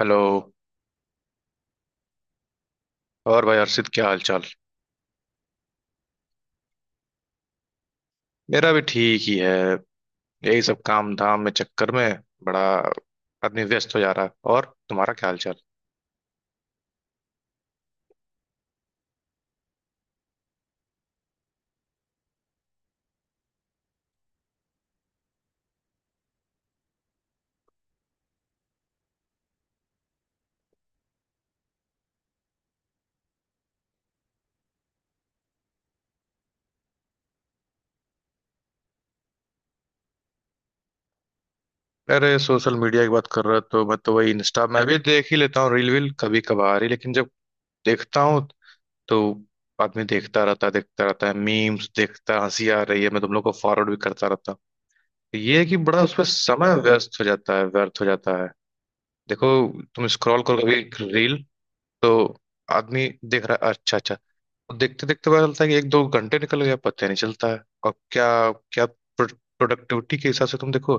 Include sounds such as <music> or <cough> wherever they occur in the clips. Hello. और भाई हर्षित, क्या हाल चाल। मेरा भी ठीक ही है। यही सब काम धाम में चक्कर में। बड़ा आदमी व्यस्त हो जा रहा है। और तुम्हारा क्या हाल चाल। अरे, सोशल मीडिया की बात कर रहा तो मैं तो वही इंस्टा मैं भी देख ही लेता हूँ। रील वील कभी कभार ही, लेकिन जब देखता हूँ तो आदमी देखता रहता है देखता रहता है, मीम्स देखता है, हंसी आ रही है, मैं तुम लोग को फॉरवर्ड भी करता रहता हूँ। तो ये है कि बड़ा उसमें समय व्यस्त हो जाता है, व्यर्थ हो जाता है। देखो, तुम स्क्रॉल करो कभी रील, तो आदमी देख रहा है अच्छा अच्छा। देखते देखते पता चलता है कि एक दो घंटे निकल गया, पता ही नहीं चलता है। और क्या क्या प्रोडक्टिविटी के हिसाब से तुम देखो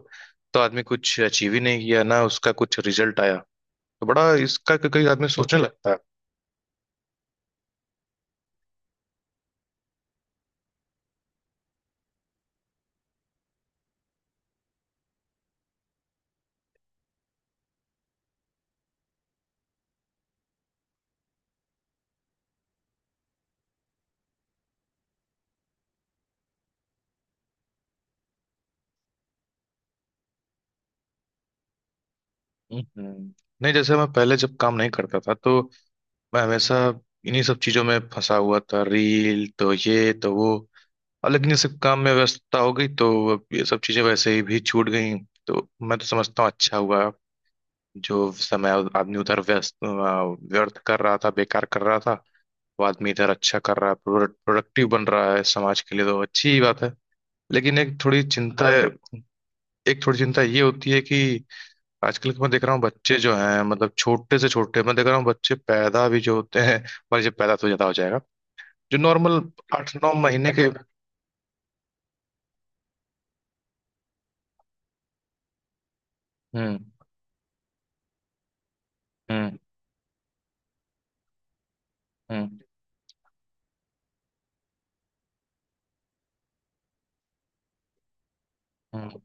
तो आदमी कुछ अचीव ही नहीं किया, ना उसका कुछ रिजल्ट आया। तो बड़ा इसका कई आदमी सोचने लगता है। हम्म, नहीं, जैसे मैं पहले जब काम नहीं करता था तो मैं हमेशा इन्हीं सब चीजों में फंसा हुआ था। रील तो ये तो वो। और लेकिन ये सब काम में व्यस्तता हो गई तो अब ये सब चीजें वैसे ही भी छूट गई। तो मैं तो समझता हूँ अच्छा हुआ। जो समय आदमी उधर व्यस्त व्यर्थ कर रहा था, बेकार कर रहा था, वो आदमी इधर अच्छा कर रहा है, प्रोडक्टिव बन रहा है। समाज के लिए तो अच्छी ही बात है। लेकिन एक थोड़ी चिंता ये होती है कि आजकल मैं देख रहा हूँ बच्चे जो हैं, मतलब छोटे से छोटे। मैं देख रहा हूँ बच्चे पैदा भी जो होते हैं, पर जब पैदा तो ज्यादा हो जाएगा, जो नॉर्मल आठ नौ महीने के। हम्म, हम्म, हम्म, हम्म,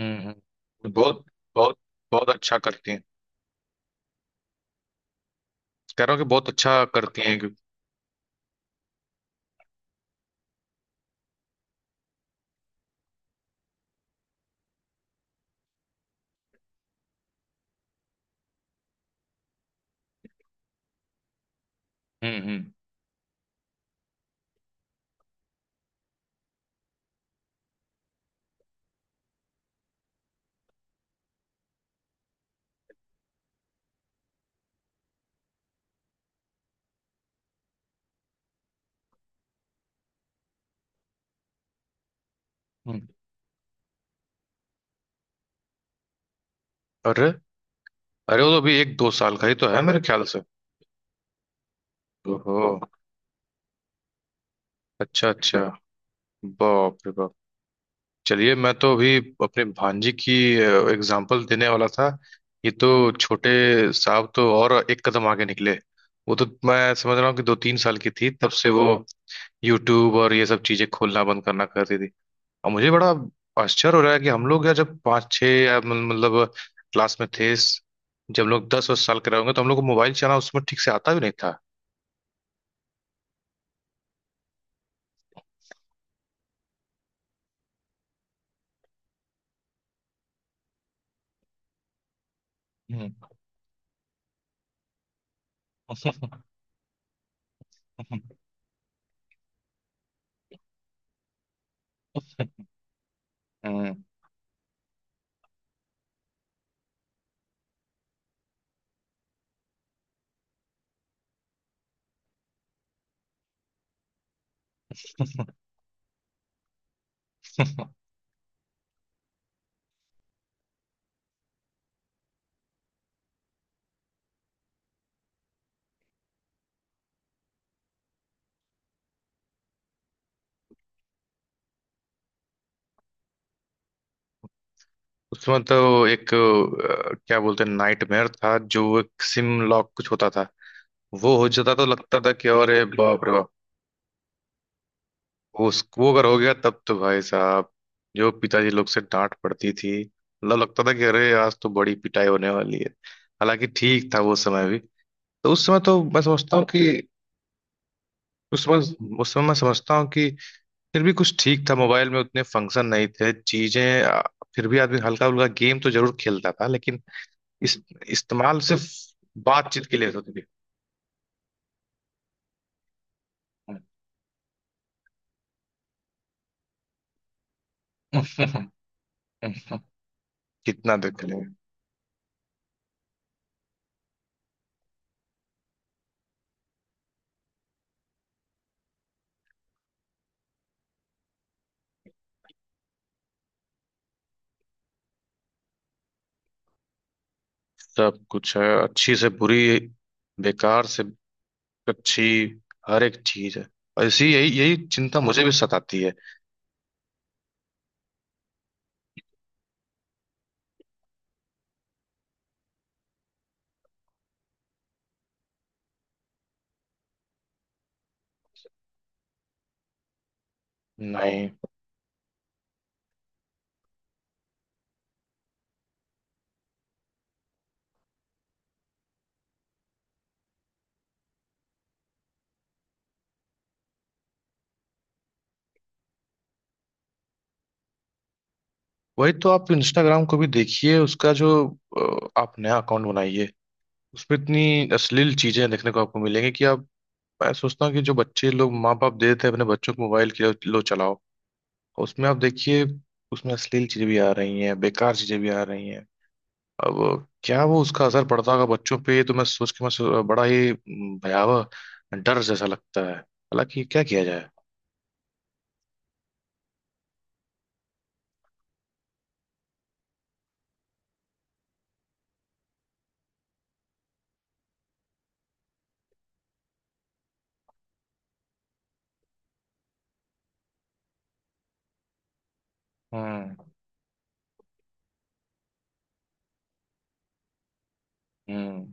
हम्म, बहुत। बहुत बहुत अच्छा करती हैं। कह रहा हूँ कि बहुत अच्छा करती हैं क्यों-। हम्म, हम्म। अरे, अरे, वो तो अभी एक दो साल का ही तो है मेरे ख्याल से। ओहो। अच्छा अच्छा। बाप रे बाप। चलिए, मैं तो अभी अपने भांजी की एग्जाम्पल देने वाला था। ये तो छोटे साहब तो और एक कदम आगे निकले। वो तो मैं समझ रहा हूँ कि दो तीन साल की थी तब से वो यूट्यूब और ये सब चीजें खोलना बंद करना करती थी। और मुझे बड़ा आश्चर्य हो रहा है कि हम लोग यार जब पाँच छः या मतलब क्लास में थे, जब लोग 10 वर्ष साल के रहे होंगे तो हम लोग को मोबाइल चलाना उसमें ठीक से आता भी नहीं था। हम्म। <laughs> हम्म, उसमें तो एक क्या बोलते हैं, नाइटमेयर था। जो एक सिम लॉक कुछ होता था, वो हो जाता तो लगता था कि अरे बाप रे बाप। उस वो अगर हो गया तब तो भाई साहब, जो पिताजी लोग से डांट पड़ती थी। मतलब लगता था कि अरे आज तो बड़ी पिटाई होने वाली है। हालांकि ठीक था वो समय भी। तो उस समय तो मैं समझता हूँ कि उस समय उस समय मैं समझता हूँ कि फिर भी कुछ ठीक था। मोबाइल में उतने फंक्शन नहीं थे, चीजें फिर भी आदमी हल्का फुल्का गेम तो जरूर खेलता था, लेकिन इस, इस्तेमाल सिर्फ बातचीत के लिए होती थी। <laughs> कितना देख लें। सब कुछ है, अच्छी से बुरी, बेकार से अच्छी, हर एक चीज है। ऐसी यही यही चिंता मुझे भी सताती है। नहीं, वही तो। आप इंस्टाग्राम को भी देखिए, उसका जो आप नया अकाउंट बनाइए, उसमें इतनी अश्लील चीजें देखने को आपको मिलेंगी कि आप। मैं सोचता हूँ कि जो बच्चे लोग माँ बाप दे देते हैं अपने बच्चों को मोबाइल के, लो चलाओ, उसमें आप देखिए, उसमें अश्लील चीजें भी आ रही हैं, बेकार चीजें भी आ रही हैं। अब क्या वो, उसका असर पड़ता होगा बच्चों पे? ये तो मैं सोच के बड़ा ही भयावह, डर जैसा लगता है। हालांकि क्या किया जाए। हम्म, हम्म।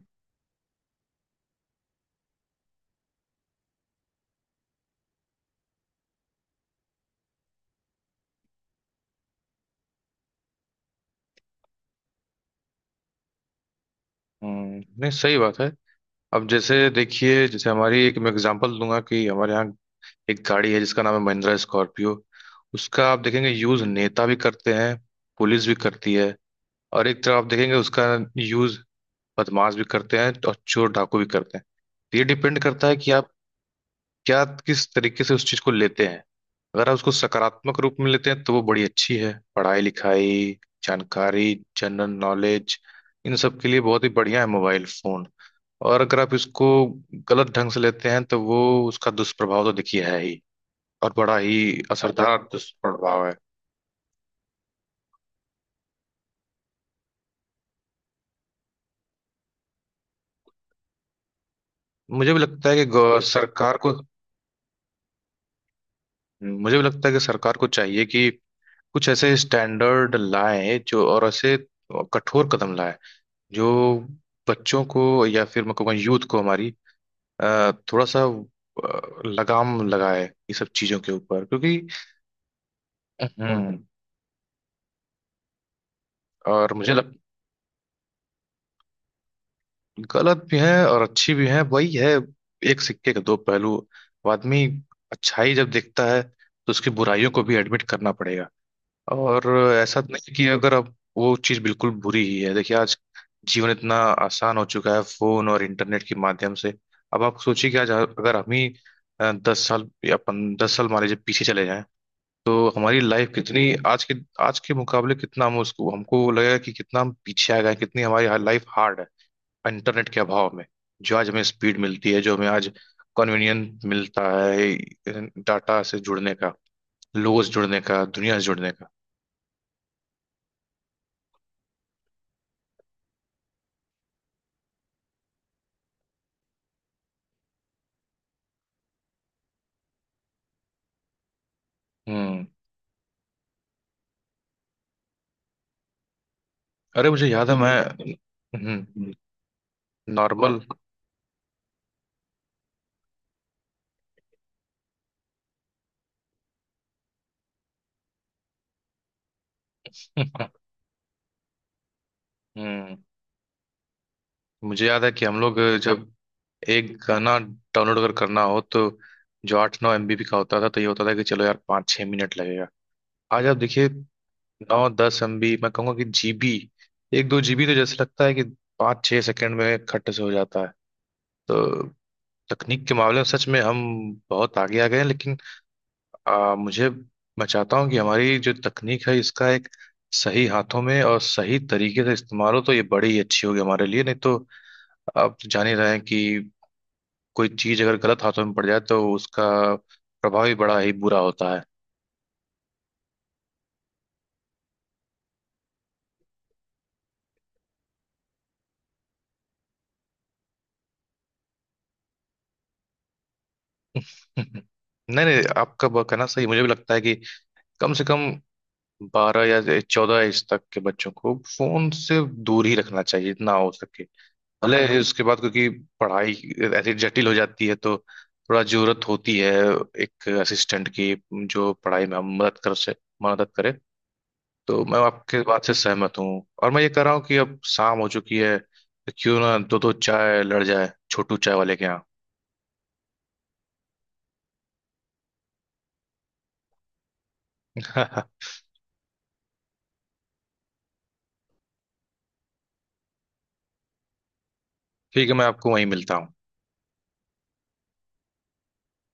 नहीं, सही बात है। अब जैसे देखिए, जैसे हमारी एक, मैं एग्जांपल दूंगा कि हमारे यहाँ एक गाड़ी है जिसका नाम है महिंद्रा स्कॉर्पियो। उसका आप देखेंगे, यूज नेता भी करते हैं, पुलिस भी करती है। और एक तरफ आप देखेंगे उसका यूज बदमाश भी करते हैं और चोर डाकू भी करते हैं। तो ये डिपेंड करता है कि आप क्या, किस तरीके से उस चीज को लेते हैं। अगर आप उसको सकारात्मक रूप में लेते हैं तो वो बड़ी अच्छी है। पढ़ाई लिखाई, जानकारी, जनरल नॉलेज, इन सब के लिए बहुत ही बढ़िया है मोबाइल फोन। और अगर आप इसको गलत ढंग से लेते हैं तो वो, उसका दुष्प्रभाव तो देखिए है ही। और बड़ा ही असरदार दुष्प्रभाव है। मुझे भी लगता है कि सरकार को। मुझे भी लगता है कि सरकार को चाहिए कि कुछ ऐसे स्टैंडर्ड लाए जो, और ऐसे कठोर कदम लाए जो बच्चों को, या फिर मैं कहूँगा यूथ को हमारी थोड़ा सा लगाम लगाए ये सब चीजों के ऊपर, क्योंकि। हम्म और गलत भी है और अच्छी भी है। वही है, एक सिक्के के दो पहलू। वो आदमी अच्छाई जब देखता है तो उसकी बुराइयों को भी एडमिट करना पड़ेगा। और ऐसा तो नहीं कि अगर अब वो चीज़ बिल्कुल बुरी ही है। देखिए, आज जीवन इतना आसान हो चुका है फोन और इंटरनेट के माध्यम से। अब आप सोचिए कि आज अगर हम ही 10 साल या पन 10 साल मान लीजिए पीछे चले जाएं, तो हमारी लाइफ कितनी आज के मुकाबले कितना हम उसको, हमको लगेगा कि कितना हम पीछे आ गए, कितनी हमारी लाइफ हार्ड है इंटरनेट के अभाव में। जो आज हमें स्पीड मिलती है, जो हमें आज कन्वीनियंट मिलता है, डाटा से जुड़ने का, लोगों से जुड़ने का, दुनिया से जुड़ने का। हम्म अरे, मुझे याद है मैं नॉर्मल। <laughs> हम्म मुझे याद है कि हम लोग जब एक गाना डाउनलोड अगर करना हो, तो जो 8-9 एमबी का होता था, तो ये होता था कि चलो यार, पाँच छः मिनट लगेगा। आज आप देखिए, 9-10 एमबी, मैं कहूँगा कि जीबी, एक दो जीबी तो जैसे लगता है कि पाँच छः सेकंड में खट से हो जाता है। तो तकनीक के मामले में सच में हम बहुत आगे आ गए हैं, लेकिन मुझे मैं चाहता हूँ कि हमारी जो तकनीक है इसका एक सही हाथों में और सही तरीके से इस्तेमाल हो, तो ये बड़ी ही अच्छी होगी हमारे लिए। नहीं तो आप तो जान ही रहे हैं कि कोई चीज अगर गलत हाथों में पड़ जाए तो उसका प्रभाव ही बड़ा ही बुरा होता है। <laughs> नहीं, नहीं, आपका कहना सही। मुझे भी लगता है कि कम से कम 12 या 14 एज तक के बच्चों को फोन से दूर ही रखना चाहिए जितना हो सके। भले उसके बाद, क्योंकि पढ़ाई ऐसी जटिल हो जाती है तो थोड़ा जरूरत होती है एक असिस्टेंट की, जो पढ़ाई में हम मदद कर से मदद करे। तो मैं आपके बात से सहमत हूँ, और मैं ये कह रहा हूँ कि अब शाम हो चुकी है, तो क्यों ना दो दो चाय लड़ जाए छोटू चाय वाले के यहाँ। <laughs> ठीक है, मैं आपको वहीं मिलता हूँ।